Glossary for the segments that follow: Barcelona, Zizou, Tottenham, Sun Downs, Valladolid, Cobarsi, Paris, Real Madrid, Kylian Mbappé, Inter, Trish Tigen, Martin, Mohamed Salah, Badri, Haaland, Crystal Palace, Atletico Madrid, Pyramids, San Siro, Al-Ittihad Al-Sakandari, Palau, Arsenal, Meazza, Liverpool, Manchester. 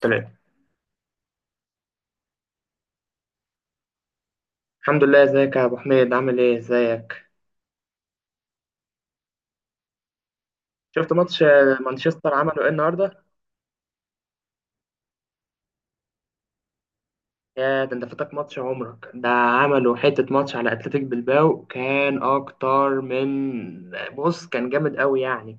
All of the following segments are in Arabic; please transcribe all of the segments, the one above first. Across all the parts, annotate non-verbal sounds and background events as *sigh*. تمام. الحمد لله، ازيك يا ابو حميد، عامل ايه، ازيك؟ شفت ماتش، مانشستر عملوا ايه النهارده؟ يا ده انت فاتك ماتش عمرك، ده عملوا حته ماتش على اتلتيك بالباو، كان اكتر من بص، كان جامد قوي يعني.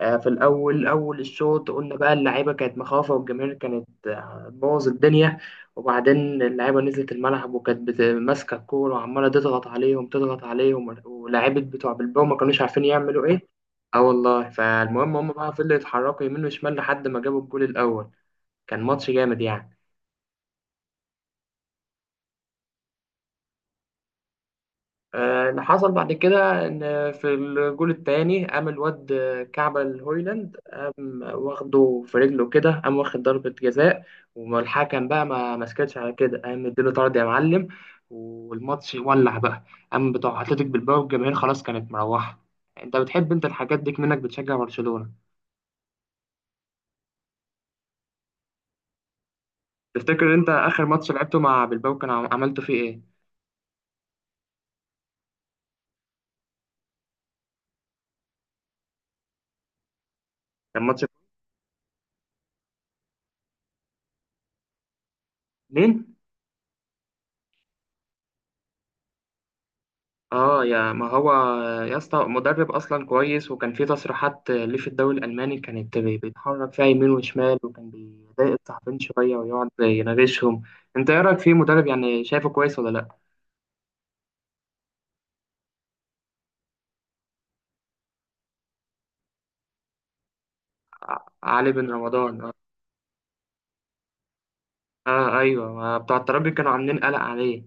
في الأول أول الشوط قلنا بقى اللعيبة كانت مخافة، والجماهير كانت، بوظ الدنيا. وبعدين اللعيبة نزلت الملعب وكانت ماسكة الكورة، وعمالة تضغط عليهم، ولاعيبة بتوع بالباو ما كانوش عارفين يعملوا إيه. اه والله، فالمهم هم بقى فضلوا يتحركوا يمين وشمال لحد ما جابوا الجول الأول. كان ماتش جامد يعني. اللي حصل بعد كده ان في الجول الثاني قام الواد كعبة الهويلاند قام واخده في رجله كده، قام واخد ضربة جزاء، والحكم بقى ما مسكتش على كده، قام مديله طرد يا معلم، والماتش ولع بقى. قام بتوع اتلتيك بالباو والجماهير خلاص كانت مروحة. انت بتحب انت الحاجات دي، منك بتشجع برشلونة. تفتكر انت اخر ماتش لعبته مع بالباو كان عملته فيه ايه؟ كان ماتش اتنين. اه يا ما هو يا اسطى مدرب اصلا كويس، وكان في تصريحات ليه في الدوري الالماني، كانت بيتحرك فيها يمين وشمال، وكان بيضايق الصحفيين شويه ويقعد يناغشهم. انت ايه رايك فيه مدرب، يعني شايفه كويس ولا لا؟ علي بن رمضان، اه. آه ايوه، ما بتوع الترجي كانوا عاملين قلق عليه.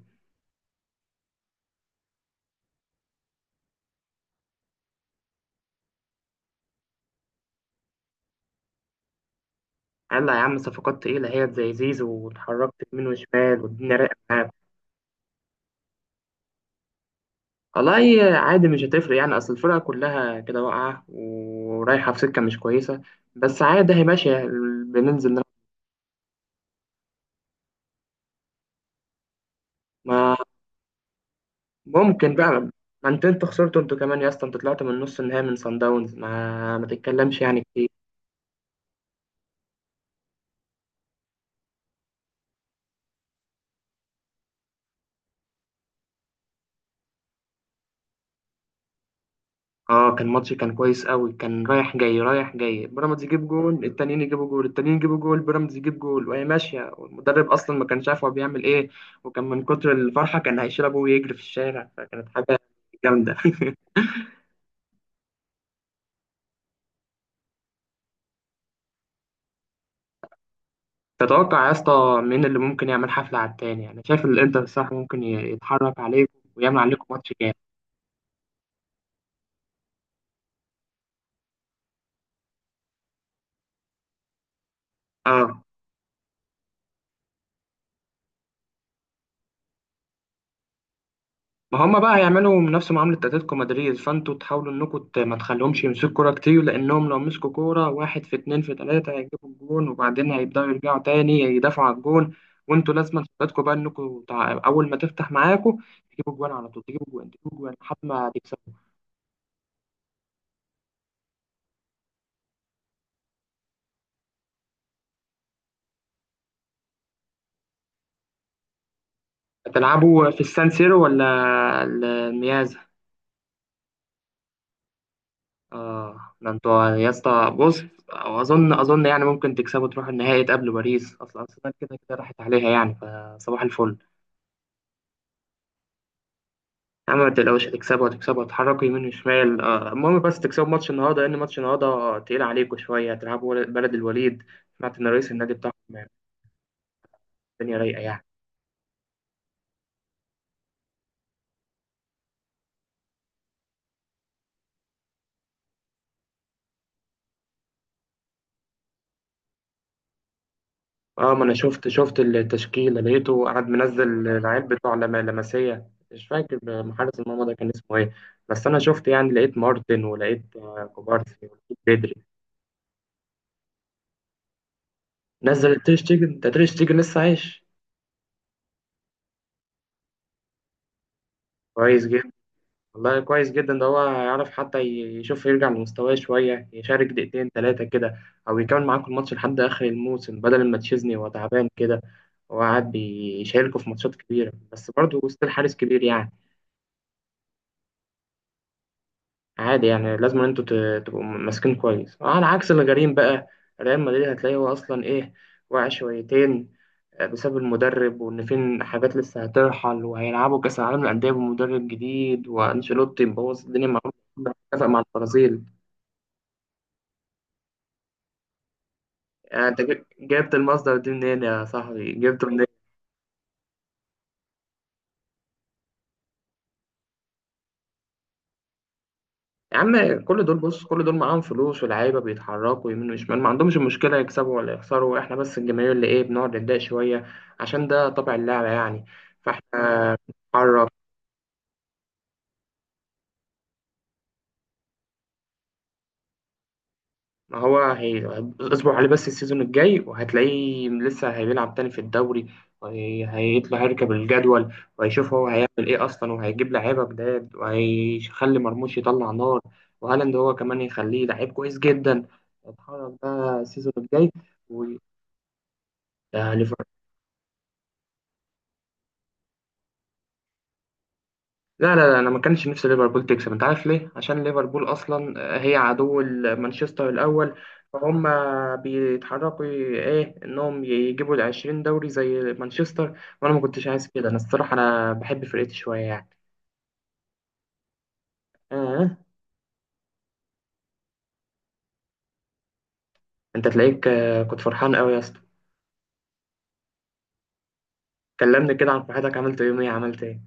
قال لا يا عم، صفقات تقيله هي زي زيزو، واتحركت يمين وشمال والدنيا رايقه معاك. والله عادي، مش هتفرق يعني، اصل الفرقه كلها كده واقعه ورايحه في سكه مش كويسه، بس عادي هي ماشية، بننزل. ما ممكن بقى، ما انت انتوا خسرتوا انتوا كمان يا اسطى، انتوا طلعتوا من نص النهائي من صن داونز، ما تتكلمش يعني كتير. اه كان ماتش، كان كويس قوي، كان رايح جاي، بيراميدز يجيب جول، التانيين يجيبوا جول، التانيين يجيبوا جول، بيراميدز يجيب جول، وهي ماشيه، والمدرب اصلا ما كانش عارف هو بيعمل ايه. وكان من كتر الفرحه كان هيشيل ابوه ويجري في الشارع، فكانت حاجه جامده. *laughs* تتوقع يا اسطى مين اللي ممكن يعمل حفله على التاني؟ يعني شايف الانتر صح ممكن يتحرك عليكم ويعمل عليكم ماتش جامد؟ اه ما هم بقى هيعملوا من نفس معاملة اتلتيكو مدريد، فانتوا تحاولوا انكم ما تخليهمش يمسكوا كورة كتير، لانهم لو مسكوا كورة واحد في اتنين في تلاتة هيجيبوا الجون، وبعدين هيبدأوا يرجعوا تاني يدافعوا على الجون. وانتوا لازم خطتكم بقى انكم اول ما تفتح معاكم تجيبوا جوان على طول، تجيبوا جوان لحد ما تكسبوا. هتلعبوا في السان سيرو ولا الميازا؟ اه ده انتوا يا اسطى بص، اظن يعني ممكن تكسبوا تروحوا النهائي تقابلوا باريس، اصلا ارسنال كده كده راحت عليها يعني، فصباح الفل. يا عم ما تقلقوش، هتكسبوا، هتكسبوا، هتحركوا يمين وشمال، المهم بس تكسبوا ماتش النهارده، لأن ماتش النهارده تقيل عليكم شوية، هتلعبوا بلد الوليد. سمعت إن رئيس النادي بتاعهم الدنيا رايقة يعني. اه ما أنا شفت، شفت التشكيلة، لقيته قاعد منزل العيال بتوع لمسية، مش فاكر محارس المرمى ده كان اسمه إيه. بس أنا شفت يعني، لقيت مارتن، ولقيت كوبارسي، ولقيت بدري. نزل تريش تيجن، ده تريش تيجن لسه عايش؟ كويس جدا. والله كويس جدا، ده هو يعرف حتى يشوف يرجع لمستواه شوية، يشارك دقيقتين ثلاثة كده، أو يكمل معاكم الماتش لحد آخر الموسم، بدل ما تشيزني وهو تعبان كده وقاعد بيشاركوا في ماتشات كبيرة، بس برضه وسط الحارس كبير يعني. عادي يعني، لازم أن أنتوا تبقوا ماسكين كويس. على عكس الغريم بقى ريال مدريد، هتلاقيه هو أصلا إيه، واقع شويتين، بسبب المدرب، وإن فين حاجات لسه هترحل، وهيلعبوا كأس العالم للأندية بمدرب جديد، وأنشيلوتي مبوظ الدنيا معاه، اتفق مع البرازيل. يعني انت جبت المصدر دي منين يا صاحبي، جبته منين؟ يا عم كل دول بص، كل دول معاهم فلوس ولاعيبه بيتحركوا يمين وشمال، ما عندهمش مشكله يكسبوا ولا يخسروا، احنا بس الجماهير اللي ايه، بنقعد نتضايق شويه، عشان ده طبع اللعبه يعني، فاحنا نتحرك. ما هو هي... اصبر عليه بس السيزون الجاي، وهتلاقيه لسه هيلعب تاني في الدوري، وهي... هيطلع يركب الجدول، وهيشوف هو هيعمل ايه اصلا، وهيجيب لعيبه جداد، وهيخلي مرموش يطلع نار، وهالاند هو كمان يخليه لعيب كويس جدا. اتحرك بقى السيزون الجاي. و... لا لا لا، انا ما كانش نفسي ليفربول تكسب، انت عارف ليه؟ عشان ليفربول اصلا هي عدو مانشستر الاول، فهم بيتحركوا ايه، انهم يجيبوا ال 20 دوري زي مانشستر، وانا ما كنتش عايز كده، انا الصراحه انا بحب فرقتي شويه يعني. آه. انت تلاقيك، كنت فرحان قوي يا اسطى. كلمني كده عن فرحتك، عملت يوم ايه، عملت ايه؟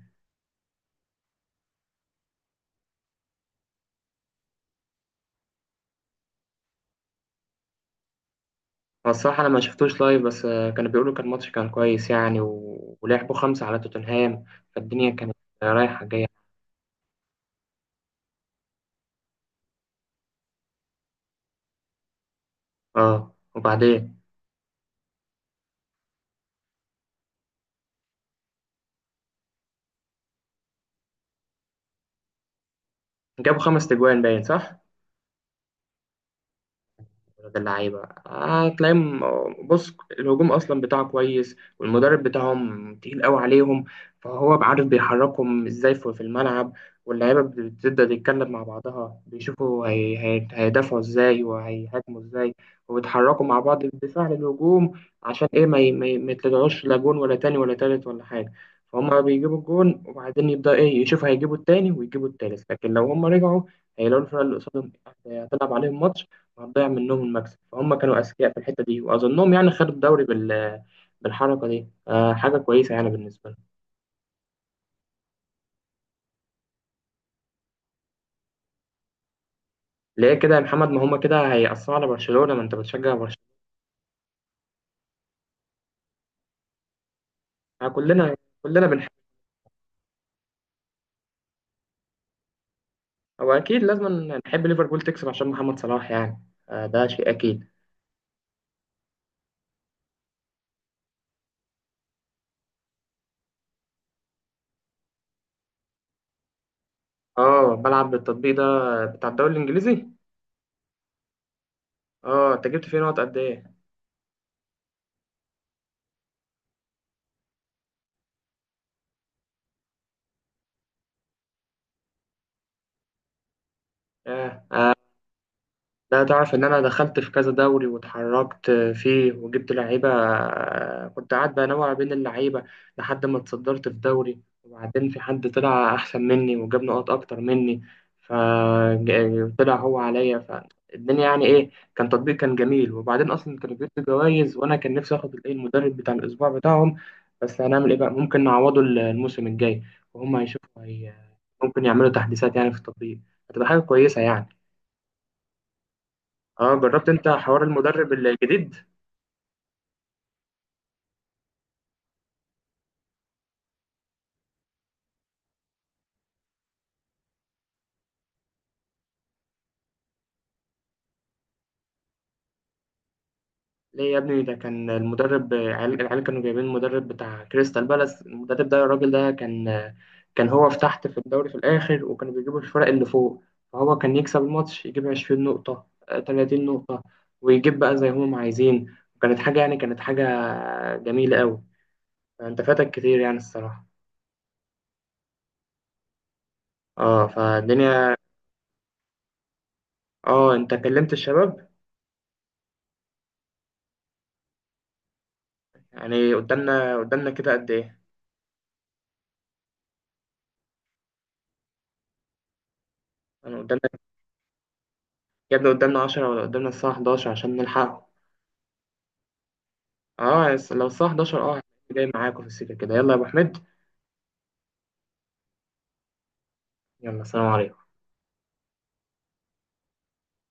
هو الصراحه انا ما شفتوش لايف، بس كانوا بيقولوا كان ماتش، كان كويس يعني، و... ولعبوا خمسه على توتنهام، فالدنيا كانت رايحه جايه. اه وبعدين جابوا خمس تجوان باين، صح؟ ولاد اللعيبة هتلاقيهم، بص الهجوم أصلا بتاعه كويس، والمدرب بتاعهم تقيل قوي عليهم، فهو عارف بيحركهم إزاي في الملعب. واللعيبة بتبدأ تتكلم مع بعضها، بيشوفوا هي... هي... هيدافعوا إزاي وهيهاجموا إزاي، وبيتحركوا مع بعض بالدفاع للهجوم، عشان إيه ما, ي... ما, ي... ما يتلدعوش لا جون ولا تاني ولا تالت ولا حاجة. فهم بيجيبوا الجون وبعدين يبدأ إيه يشوفوا هيجيبوا التاني ويجيبوا التالت، لكن لو هم رجعوا هيلاقوا الفرقة اللي قصادهم هتلعب عليهم ماتش، هتضيع منهم المكسب، فهم كانوا أذكياء في الحتة دي، وأظنهم يعني خدوا الدوري بالحركة دي. آه حاجة كويسة يعني بالنسبة لهم. ليه كده يا محمد؟ ما هم كده هيأثروا على برشلونة، ما أنت بتشجع برشلونة. آه كلنا، كلنا بنحب. هو أكيد لازم نحب ليفربول تكسب عشان محمد صلاح يعني، آه ده شيء أكيد. اه بلعب بالتطبيق ده بتاع الدوري الإنجليزي. اه أنت جبت فيه نقط قد إيه؟ آه. لا تعرف ان انا دخلت في كذا دوري واتحركت فيه وجبت لعيبه، كنت قاعد بنوع بين اللعيبه لحد ما اتصدرت في دوري، وبعدين في حد طلع احسن مني وجاب نقط اكتر مني فطلع هو عليا، فالدنيا يعني ايه، كان تطبيق كان جميل، وبعدين اصلا كانوا بيدوا جوائز، وانا كان نفسي اخد الايه، المدرب بتاع الاسبوع بتاعهم. بس هنعمل ايه بقى، ممكن نعوضه الموسم الجاي، وهم هيشوفوا هي ممكن يعملوا تحديثات يعني في التطبيق، هتبقى حاجه كويسه يعني. اه جربت انت حوار المدرب الجديد؟ ليه يا ابني، ده كان المدرب، العيال كانوا جايبين المدرب بتاع كريستال بالاس، المدرب ده الراجل ده كان، كان هو في تحت في الدوري في الاخر، وكانوا بيجيبوا الفرق اللي فوق، فهو كان يكسب الماتش يجيب 20 نقطة، 30 نقطة، ويجيب بقى زي هم عايزين، وكانت حاجة يعني، كانت حاجة جميلة قوي، فانت فاتك كتير يعني الصراحة. اه فالدنيا. اه انت كلمت الشباب؟ يعني قدامنا، قدامنا كده قد ايه؟ انا قدامنا يا ابني، قدامنا 10 ولا قدامنا الساعة 11 عشان نلحق؟ اه لو الساعة 11، اه هتلاقيني جاي معاكم في السكة كده، يلا يا ابو حميد. يلا سلام عليكم.